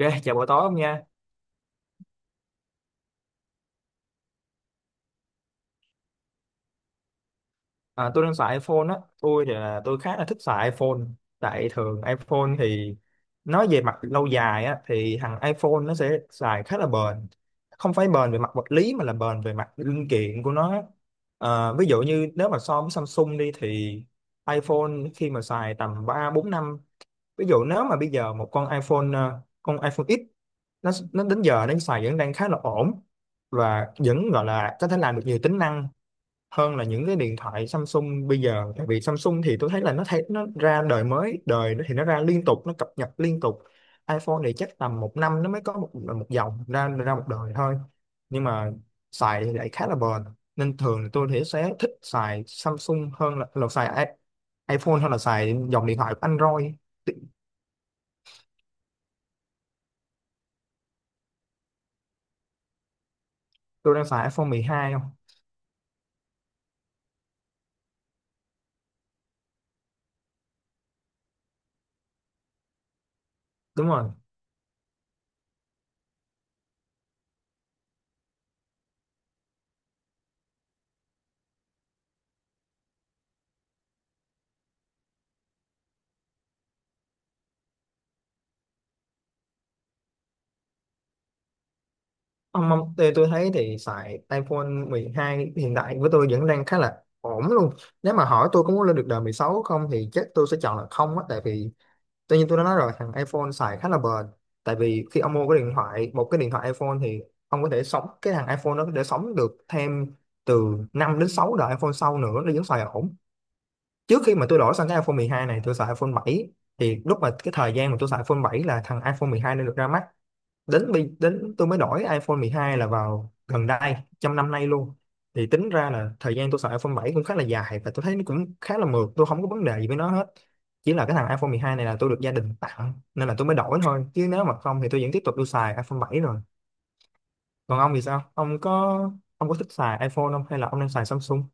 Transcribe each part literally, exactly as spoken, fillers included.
Ok, chào buổi tối ông nha. À, tôi đang xài iPhone á. Tôi thì là tôi khá là thích xài iPhone. Tại thường iPhone thì nói về mặt lâu dài á thì thằng iPhone nó sẽ xài khá là bền. Không phải bền về mặt vật lý mà là bền về mặt linh kiện của nó. á. À, ví dụ như nếu mà so với Samsung đi thì iPhone khi mà xài tầm ba bốn năm, ví dụ nếu mà bây giờ một con iPhone ờ, con iPhone X nó nó đến giờ nó xài vẫn đang khá là ổn và vẫn gọi là có thể làm được nhiều tính năng hơn là những cái điện thoại Samsung bây giờ, tại vì Samsung thì tôi thấy là nó thấy nó ra đời mới đời, nó thì nó ra liên tục, nó cập nhật liên tục. iPhone thì chắc tầm một năm nó mới có một một dòng ra ra một đời thôi, nhưng mà xài thì lại khá là bền nên thường thì tôi thì sẽ thích xài Samsung hơn là, là xài i- iPhone hơn là xài dòng điện thoại của Android. Tôi đang xài iPhone mười hai không. Đúng rồi. Ông ông tôi, tôi thấy thì xài iPhone mười hai hiện tại với tôi vẫn đang khá là ổn luôn. Nếu mà hỏi tôi có muốn lên được đời mười sáu không thì chắc tôi sẽ chọn là không á, tại vì tự nhiên tôi đã nói rồi, thằng iPhone xài khá là bền. Tại vì khi ông mua cái điện thoại, một cái điện thoại iPhone thì ông có thể sống cái thằng iPhone nó có thể sống được thêm từ năm đến sáu đời iPhone sau nữa, nó vẫn xài ổn. Trước khi mà tôi đổi sang cái iPhone mười hai này tôi xài iPhone bảy, thì lúc mà cái thời gian mà tôi xài iPhone bảy là thằng iPhone mười hai nên được ra mắt. Đến bây đến tôi mới đổi iPhone mười hai là vào gần đây trong năm nay luôn. Thì tính ra là thời gian tôi xài iPhone bảy cũng khá là dài và tôi thấy nó cũng khá là mượt, tôi không có vấn đề gì với nó hết. Chỉ là cái thằng iPhone mười hai này là tôi được gia đình tặng nên là tôi mới đổi thôi, chứ nếu mà không thì tôi vẫn tiếp tục tôi xài iPhone bảy rồi. Còn ông thì sao, ông có ông có thích xài iPhone không hay là ông đang xài Samsung?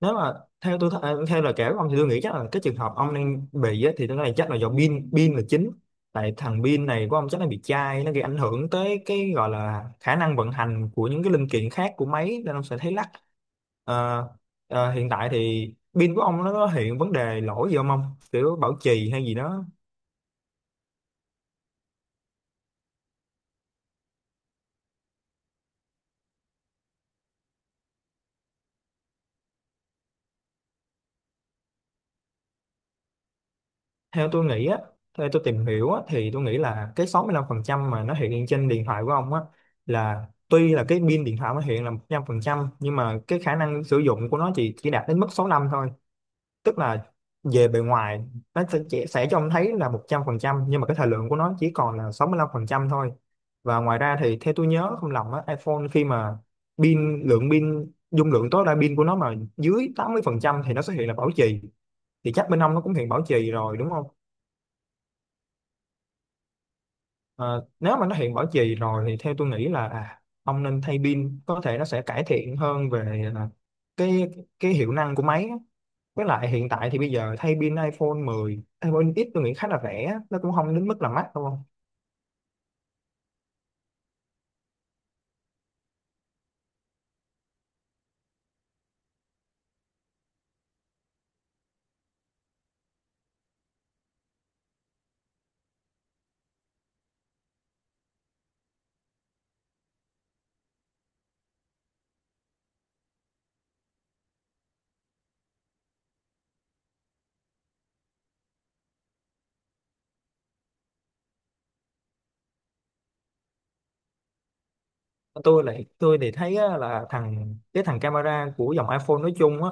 Nếu mà theo tôi th- à, theo lời kể của ông thì tôi nghĩ chắc là cái trường hợp ông đang bị á, thì tôi nghĩ chắc là do pin pin là chính. Tại thằng pin này của ông chắc là bị chai, nó gây ảnh hưởng tới cái gọi là khả năng vận hành của những cái linh kiện khác của máy nên ông sẽ thấy lắc. Ờ, ờ, hiện tại thì pin của ông nó có hiện vấn đề lỗi gì không ông? Kiểu bảo trì hay gì đó? Theo tôi nghĩ á, theo tôi tìm hiểu á thì tôi nghĩ là cái sáu mươi lăm phần trăm mà nó hiện trên điện thoại của ông á, là tuy là cái pin điện thoại nó hiện là một trăm phần trăm nhưng mà cái khả năng sử dụng của nó chỉ chỉ đạt đến mức sáu lăm thôi. Tức là về bề ngoài nó sẽ chỉ- sẽ cho ông thấy là một trăm phần trăm nhưng mà cái thời lượng của nó chỉ còn là sáu mươi lăm phần trăm thôi. Và ngoài ra thì theo tôi nhớ không lầm á, iPhone khi mà pin lượng pin dung lượng tối đa pin của nó mà dưới tám mươi phần trăm thì nó sẽ hiện là bảo trì. Thì chắc bên ông nó cũng hiện bảo trì rồi, đúng không? Ờ, nếu mà nó hiện bảo trì rồi thì theo tôi nghĩ là à, ông nên thay pin, có thể nó sẽ cải thiện hơn về à, cái cái hiệu năng của máy á. Với lại hiện tại thì bây giờ thay pin iPhone mười, iPhone X tôi nghĩ khá là rẻ á, nó cũng không đến mức là mắc đúng không? Tôi lại tôi thì thấy á, là thằng cái thằng camera của dòng iPhone nói chung á,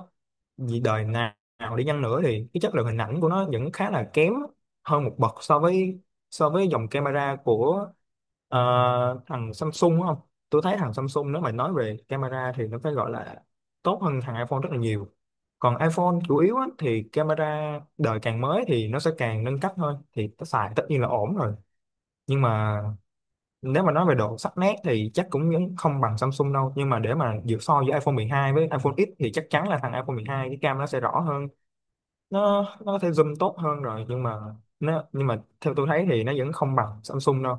vì đời nào nào đi chăng nữa thì cái chất lượng hình ảnh của nó vẫn khá là kém hơn một bậc so với so với dòng camera của, ờ, thằng Samsung, đúng không? Tôi thấy thằng Samsung nếu mà nói về camera thì nó phải gọi là tốt hơn thằng iPhone rất là nhiều. Còn iPhone chủ yếu á, thì camera đời càng mới thì nó sẽ càng nâng cấp thôi. Thì nó xài tất nhiên là ổn rồi. Nhưng mà nếu mà nói về độ sắc nét thì chắc cũng vẫn không bằng Samsung đâu. Nhưng mà để mà giữa so giữa iPhone mười hai với iPhone X thì chắc chắn là thằng iPhone mười hai cái cam nó sẽ rõ hơn. Nó nó có thể zoom tốt hơn rồi nhưng mà nó nhưng mà theo tôi thấy thì nó vẫn không bằng Samsung đâu.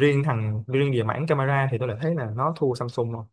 riêng thằng Riêng về mảng camera thì tôi lại thấy là nó thua Samsung rồi.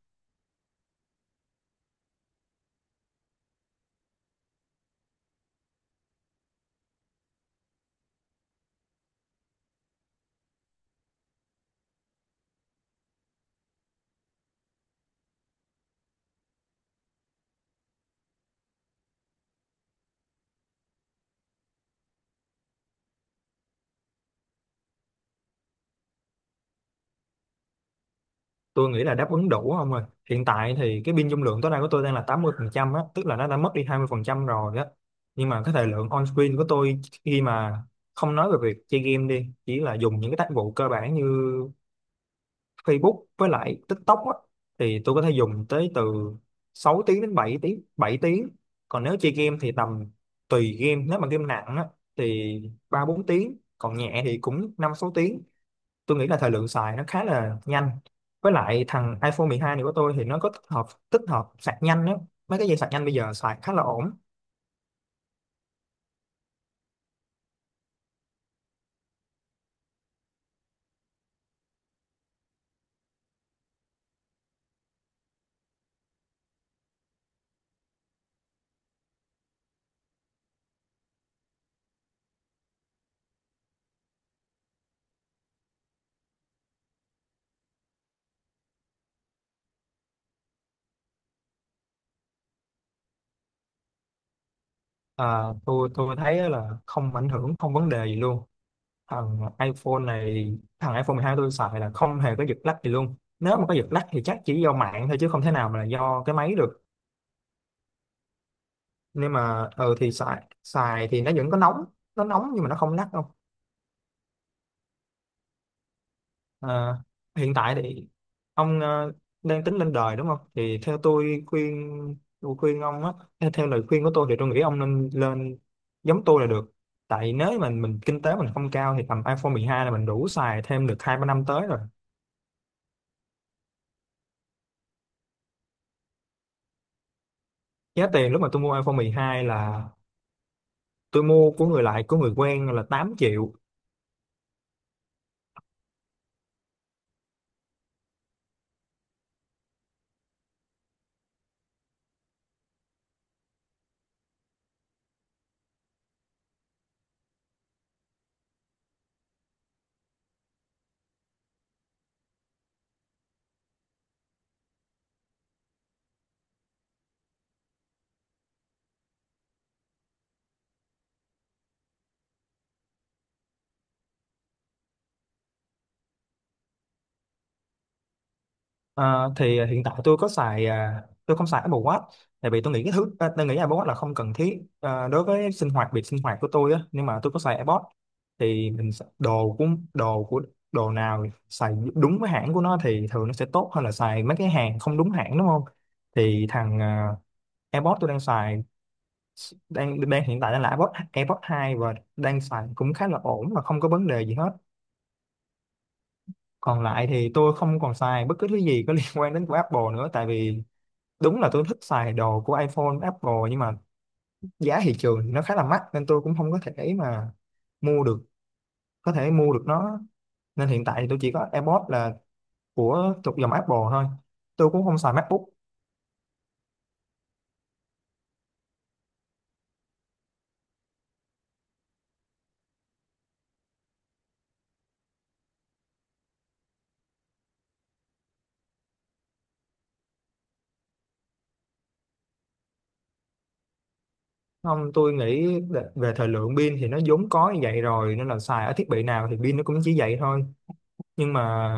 Tôi nghĩ là đáp ứng đủ không rồi. Hiện tại thì cái pin dung lượng tối đa của tôi đang là tám mươi phần trăm á, tức là nó đã mất đi hai mươi phần trăm rồi á. Nhưng mà cái thời lượng on screen của tôi khi mà không nói về việc chơi game đi, chỉ là dùng những cái tác vụ cơ bản như Facebook với lại TikTok á, thì tôi có thể dùng tới từ sáu tiếng đến bảy tiếng bảy tiếng Còn nếu chơi game thì tầm tùy game, nếu mà game nặng á thì ba bốn tiếng, còn nhẹ thì cũng năm sáu tiếng. Tôi nghĩ là thời lượng xài nó khá là nhanh. Với lại thằng iPhone mười hai này của tôi thì nó có tích hợp tích hợp sạc nhanh đó, mấy cái dây sạc nhanh bây giờ xài khá là ổn. À, tôi tôi thấy là không ảnh hưởng, không vấn đề gì luôn. Thằng iPhone này, thằng iPhone mười hai tôi xài là không hề có giật lag gì luôn. Nếu mà có giật lag thì chắc chỉ do mạng thôi chứ không thể nào mà là do cái máy được. Nhưng mà ờ thì xài xài thì nó vẫn có nóng, nó nóng nhưng mà nó không lắc đâu. Ờ, hiện tại thì ông ờ, đang tính lên đời đúng không? Thì theo tôi khuyên, tôi khuyên ông á, theo, theo lời khuyên của tôi thì tôi nghĩ ông nên lên giống tôi là được. Tại nếu mà mình kinh tế mình không cao thì tầm iPhone mười hai là mình đủ xài thêm được hai ba năm tới rồi. Giá tiền lúc mà tôi mua iPhone mười hai là tôi mua của người lại của người quen là tám triệu. Ờ, thì ờ, hiện tại tôi có xài à, tôi không xài Apple Watch, tại vì tôi nghĩ cái thứ à, tôi nghĩ Apple Watch là không cần thiết à, đối với sinh hoạt việc sinh hoạt của tôi á, nhưng mà tôi có xài AirPods. Thì mình s- đồ của đồ của đồ nào xài đúng với hãng của nó thì thường nó sẽ tốt hơn là xài mấy cái hàng không đúng hãng, đúng không? Thì thằng uh, AirPods tôi đang xài đang đang hiện tại đang là AirPods AirPods hai, và đang xài cũng khá là ổn và không có vấn đề gì hết. Còn lại thì tôi không còn xài bất cứ thứ gì có liên quan đến của Apple nữa, tại vì đúng là tôi thích xài đồ của iPhone, Apple, nhưng mà giá thị trường thì nó khá là mắc nên tôi cũng không có thể mà mua được có thể mua được nó. Nên hiện tại thì tôi chỉ có AirPods là của thuộc dòng Apple thôi, tôi cũng không xài MacBook. Không, tôi nghĩ về về thời lượng pin thì nó vốn có như vậy rồi nên là xài ở thiết bị nào thì pin nó cũng chỉ vậy thôi. Nhưng mà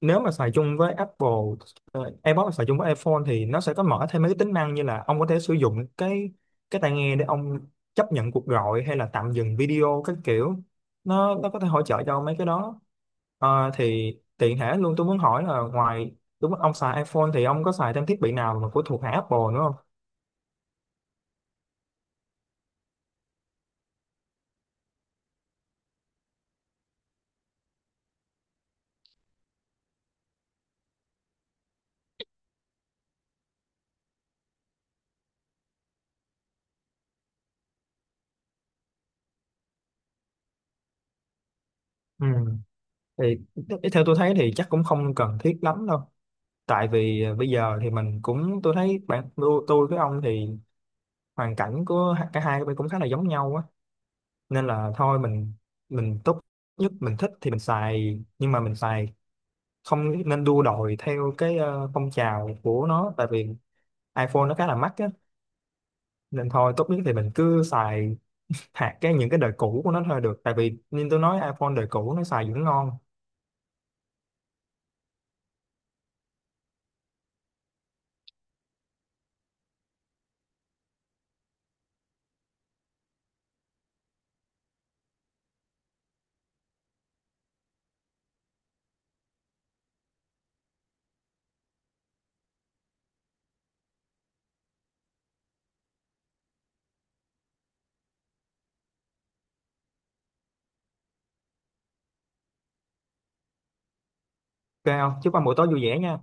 nếu mà xài chung với Apple, ờ, AirPods xài chung với iPhone thì nó sẽ có mở thêm mấy cái tính năng, như là ông có thể sử dụng cái cái tai nghe để ông chấp nhận cuộc gọi hay là tạm dừng video các kiểu. Nó nó có thể hỗ trợ cho mấy cái đó. Ờ, thì tiện thể luôn tôi muốn hỏi là, ngoài đúng ông xài iPhone thì ông có xài thêm thiết bị nào mà của thuộc hãng Apple nữa không? Ừ. Thì th- theo tôi thấy thì chắc cũng không cần thiết lắm đâu. Tại vì à, bây giờ thì mình cũng, tôi thấy bạn tôi, tôi với ông thì hoàn cảnh của h- cả hai bên cũng khá là giống nhau á. Nên là thôi mình mình tốt nhất mình thích thì mình xài, nhưng mà mình xài không nên đua đòi theo cái ờ, phong trào của nó, tại vì iPhone nó khá là mắc á. Nên thôi tốt nhất thì mình cứ xài hạt cái những cái đời cũ của nó thôi được, tại vì như tôi nói iPhone đời cũ nó xài vẫn ngon. Ok không, chúc anh buổi tối vui vẻ nha.